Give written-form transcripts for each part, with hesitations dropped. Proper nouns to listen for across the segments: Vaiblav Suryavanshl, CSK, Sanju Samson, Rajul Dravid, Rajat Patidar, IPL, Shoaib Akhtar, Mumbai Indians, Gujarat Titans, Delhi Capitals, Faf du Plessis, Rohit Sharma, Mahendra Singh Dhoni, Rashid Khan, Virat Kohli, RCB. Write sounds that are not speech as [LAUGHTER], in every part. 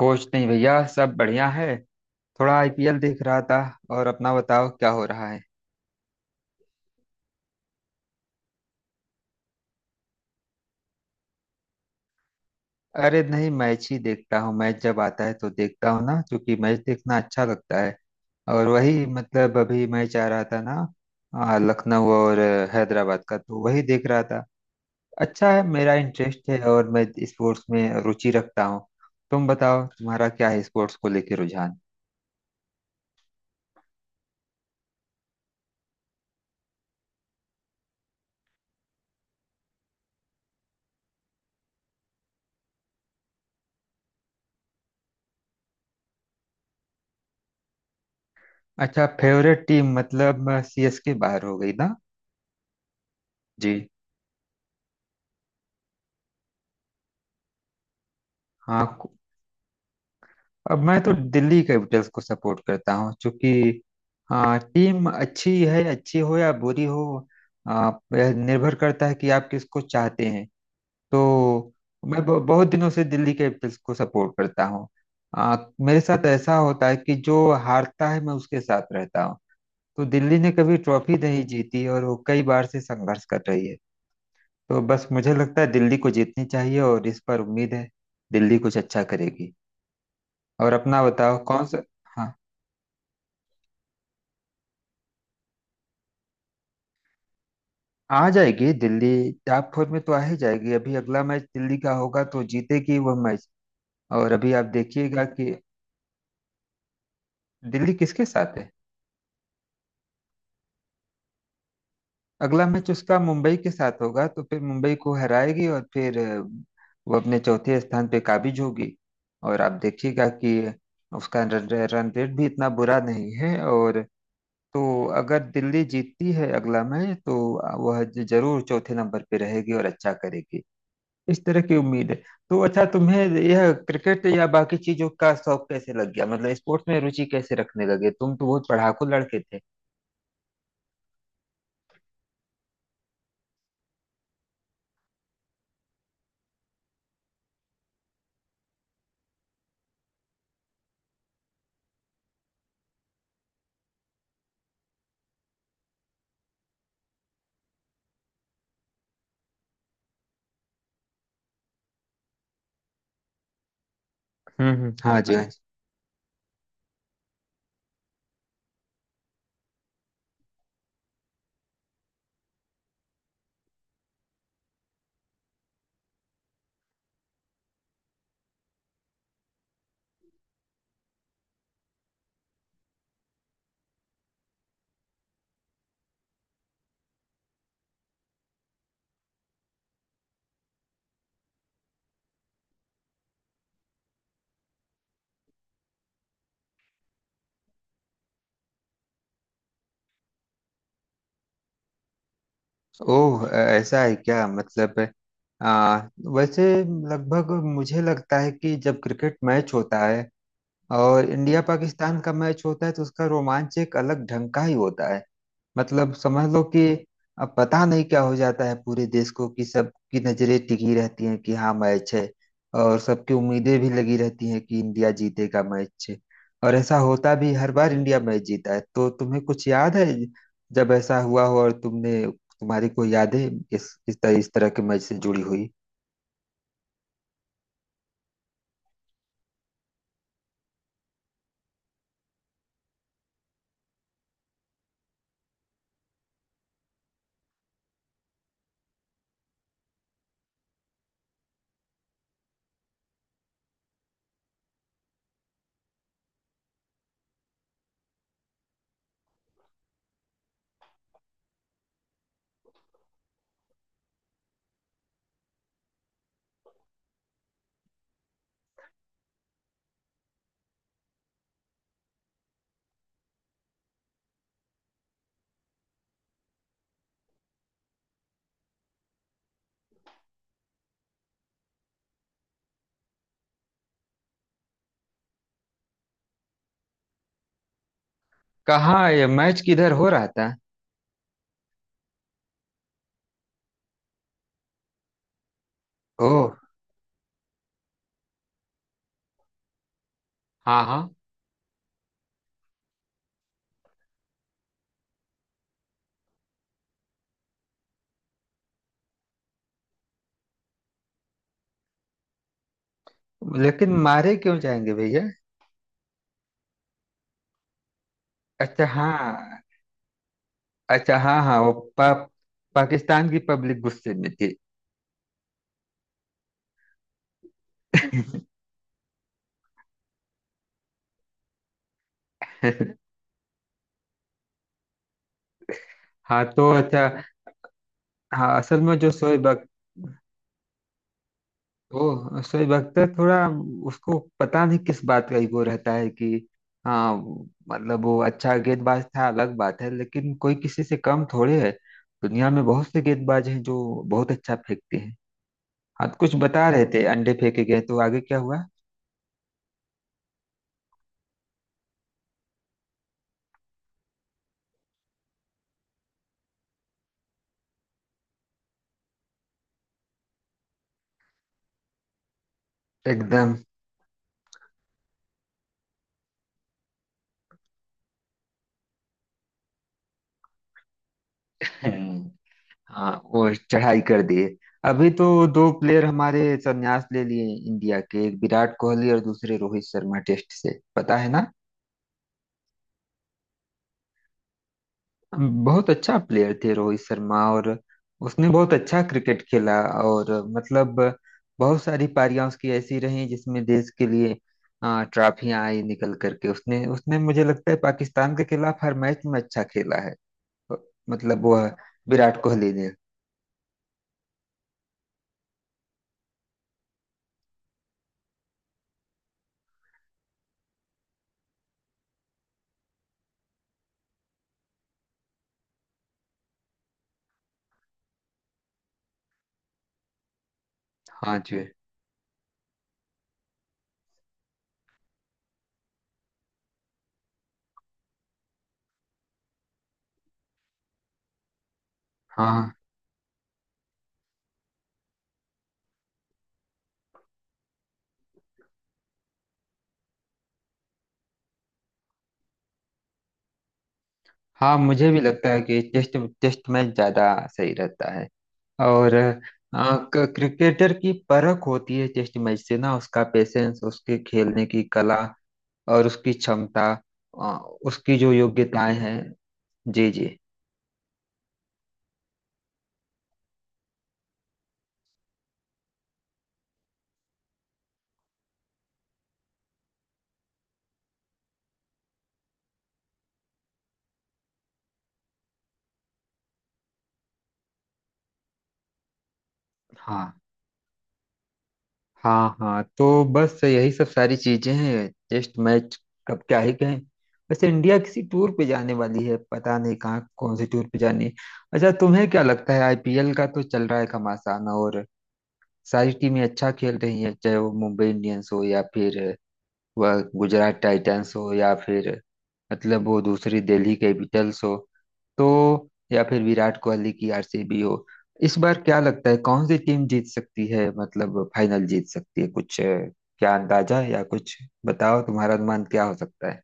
कुछ नहीं भैया, सब बढ़िया है। थोड़ा आईपीएल देख रहा था। और अपना बताओ क्या हो रहा है? अरे नहीं, मैच ही देखता हूँ। मैच जब आता है तो देखता हूँ ना, क्योंकि मैच देखना अच्छा लगता है। और वही मतलब अभी मैच आ रहा था ना, लखनऊ और हैदराबाद का तो वही देख रहा था। अच्छा है, मेरा इंटरेस्ट है और मैं स्पोर्ट्स में रुचि रखता हूँ। तुम बताओ तुम्हारा क्या है स्पोर्ट्स को लेकर रुझान? अच्छा, फेवरेट टीम मतलब सीएसके बाहर हो गई ना? जी। हाँ। अब मैं तो दिल्ली कैपिटल्स को सपोर्ट करता हूँ, क्योंकि हाँ, टीम अच्छी है, अच्छी हो या बुरी हो, आ, यह निर्भर करता है कि आप किसको चाहते हैं। तो मैं बहुत दिनों से दिल्ली कैपिटल्स को सपोर्ट करता हूँ। मेरे साथ ऐसा होता है कि जो हारता है, मैं उसके साथ रहता हूँ। तो दिल्ली ने कभी ट्रॉफी नहीं जीती और वो कई बार से संघर्ष कर रही है। तो बस मुझे लगता है दिल्ली को जीतनी चाहिए और इस पर उम्मीद है दिल्ली कुछ अच्छा करेगी। और अपना बताओ कौन सा? हाँ। आ जाएगी दिल्ली। टॉप फोर में तो आ ही जाएगी। अभी अगला मैच दिल्ली का होगा तो जीतेगी वह मैच। और अभी आप देखिएगा कि दिल्ली किसके साथ है। अगला मैच उसका मुंबई के साथ होगा तो फिर मुंबई को हराएगी और फिर वो अपने चौथे स्थान पे काबिज होगी। और आप देखिएगा कि उसका रन रन रेट भी इतना बुरा नहीं है। और तो अगर दिल्ली जीतती है अगला मैच तो वह जरूर चौथे नंबर पे रहेगी और अच्छा करेगी। इस तरह की उम्मीद है। तो अच्छा, तुम्हें यह क्रिकेट या बाकी चीजों का शौक कैसे लग गया? मतलब स्पोर्ट्स में रुचि कैसे रखने लगे? तुम तो बहुत पढ़ाकू लड़के थे। हम्म, हम्म, हाँ हाँ, जी जी, हाँ जी। ओह, ऐसा है क्या? मतलब आ, वैसे लगभग मुझे लगता है कि जब क्रिकेट मैच होता है और इंडिया पाकिस्तान का मैच होता है तो उसका रोमांच एक अलग ढंग का ही होता है। मतलब समझ लो कि अब पता नहीं क्या हो जाता है पूरे देश को, कि सबकी नजरें टिकी रहती हैं कि हाँ मैच है। और सबकी उम्मीदें भी लगी रहती हैं कि इंडिया जीतेगा मैच। और ऐसा होता भी, हर बार इंडिया मैच जीता है। तो तुम्हें कुछ याद है जब ऐसा हुआ हो और तुमने, तुम्हारी कोई यादें इस तरह इस तरह के मैच से जुड़ी हुई? कहाँ? ये मैच किधर हो रहा था? ओह। हाँ हाँ। लेकिन मारे क्यों जाएंगे भैया? अच्छा। हाँ। अच्छा, हाँ हाँ। वो पाकिस्तान की पब्लिक गुस्से में थी। [LAUGHS] हाँ, तो अच्छा। हाँ, असल में जो वो शोएब अख्तर, थोड़ा उसको पता नहीं किस बात का ईगो रहता है कि हाँ। मतलब वो अच्छा गेंदबाज था, अलग बात है, लेकिन कोई किसी से कम थोड़े है। दुनिया में बहुत से गेंदबाज हैं जो बहुत अच्छा फेंकते हैं। हाँ, तो कुछ बता रहे थे अंडे फेंके गए, तो आगे क्या हुआ? एकदम। हम्म। हाँ, वो चढ़ाई कर दिए। अभी तो दो प्लेयर हमारे संन्यास ले लिए इंडिया के, एक विराट कोहली और दूसरे रोहित शर्मा, टेस्ट से, पता है ना। बहुत अच्छा प्लेयर थे रोहित शर्मा और उसने बहुत अच्छा क्रिकेट खेला। और मतलब बहुत सारी पारियां उसकी ऐसी रही जिसमें देश के लिए ट्रॉफियां आई निकल करके। उसने उसने मुझे लगता है पाकिस्तान के खिलाफ हर मैच में अच्छा खेला है। मतलब वह विराट कोहली ने। हाँ जी, हाँ हाँ। मुझे भी लगता है कि टेस्ट टेस्ट मैच ज्यादा सही रहता है। और क्रिकेटर की परख होती है टेस्ट मैच से ना, उसका पेशेंस, उसके खेलने की कला और उसकी क्षमता, उसकी जो योग्यताएं हैं। जी जी, हाँ हाँ हाँ। तो बस यही सब सारी चीजें हैं टेस्ट मैच। कब क्या ही कहें। वैसे इंडिया किसी टूर पे जाने वाली है, पता नहीं कहाँ, कौन से टूर पे जानी है। अच्छा, तुम्हें क्या लगता है, आईपीएल का तो चल रहा है घमासान और सारी टीमें अच्छा खेल रही हैं, चाहे वो मुंबई इंडियंस हो या फिर वह गुजरात टाइटंस हो या फिर मतलब वो दूसरी दिल्ली कैपिटल्स हो तो, या फिर विराट कोहली की आरसीबी हो। इस बार क्या लगता है कौन सी टीम जीत सकती है, मतलब फाइनल जीत सकती है? कुछ क्या अंदाजा है या कुछ बताओ, तुम्हारा अनुमान क्या हो सकता है?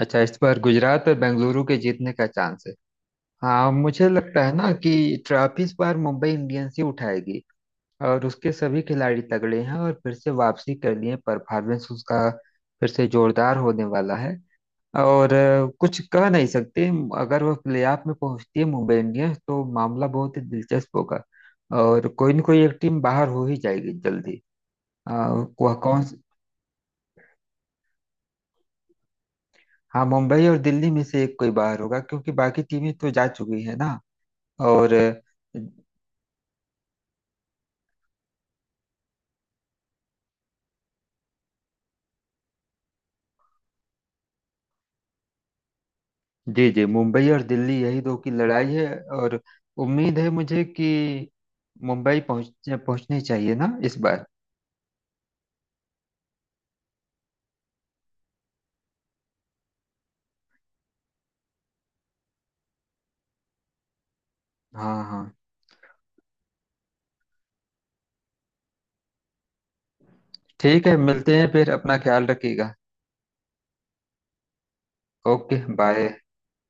अच्छा, इस बार गुजरात और बेंगलुरु के जीतने का चांस है? हाँ, मुझे लगता है ना कि ट्रॉफी इस बार मुंबई इंडियंस ही उठाएगी, और उसके सभी खिलाड़ी तगड़े हैं और फिर से वापसी कर लिए, परफॉर्मेंस उसका फिर से जोरदार होने वाला है। और कुछ कह नहीं सकते। अगर वो प्लेऑफ में पहुंचती है मुंबई इंडियंस, तो मामला बहुत ही दिलचस्प होगा और कोई न कोई एक टीम बाहर हो ही जाएगी जल्दी। अ, वह कौन? हाँ, मुंबई और दिल्ली में से एक कोई बाहर होगा, क्योंकि बाकी टीमें तो जा चुकी है ना। और जी जी, मुंबई और दिल्ली, यही दो की लड़ाई है। और उम्मीद है मुझे कि मुंबई पहुंचनी चाहिए ना इस बार। हाँ हाँ, ठीक है, मिलते हैं फिर, अपना ख्याल रखिएगा। Okay, bye.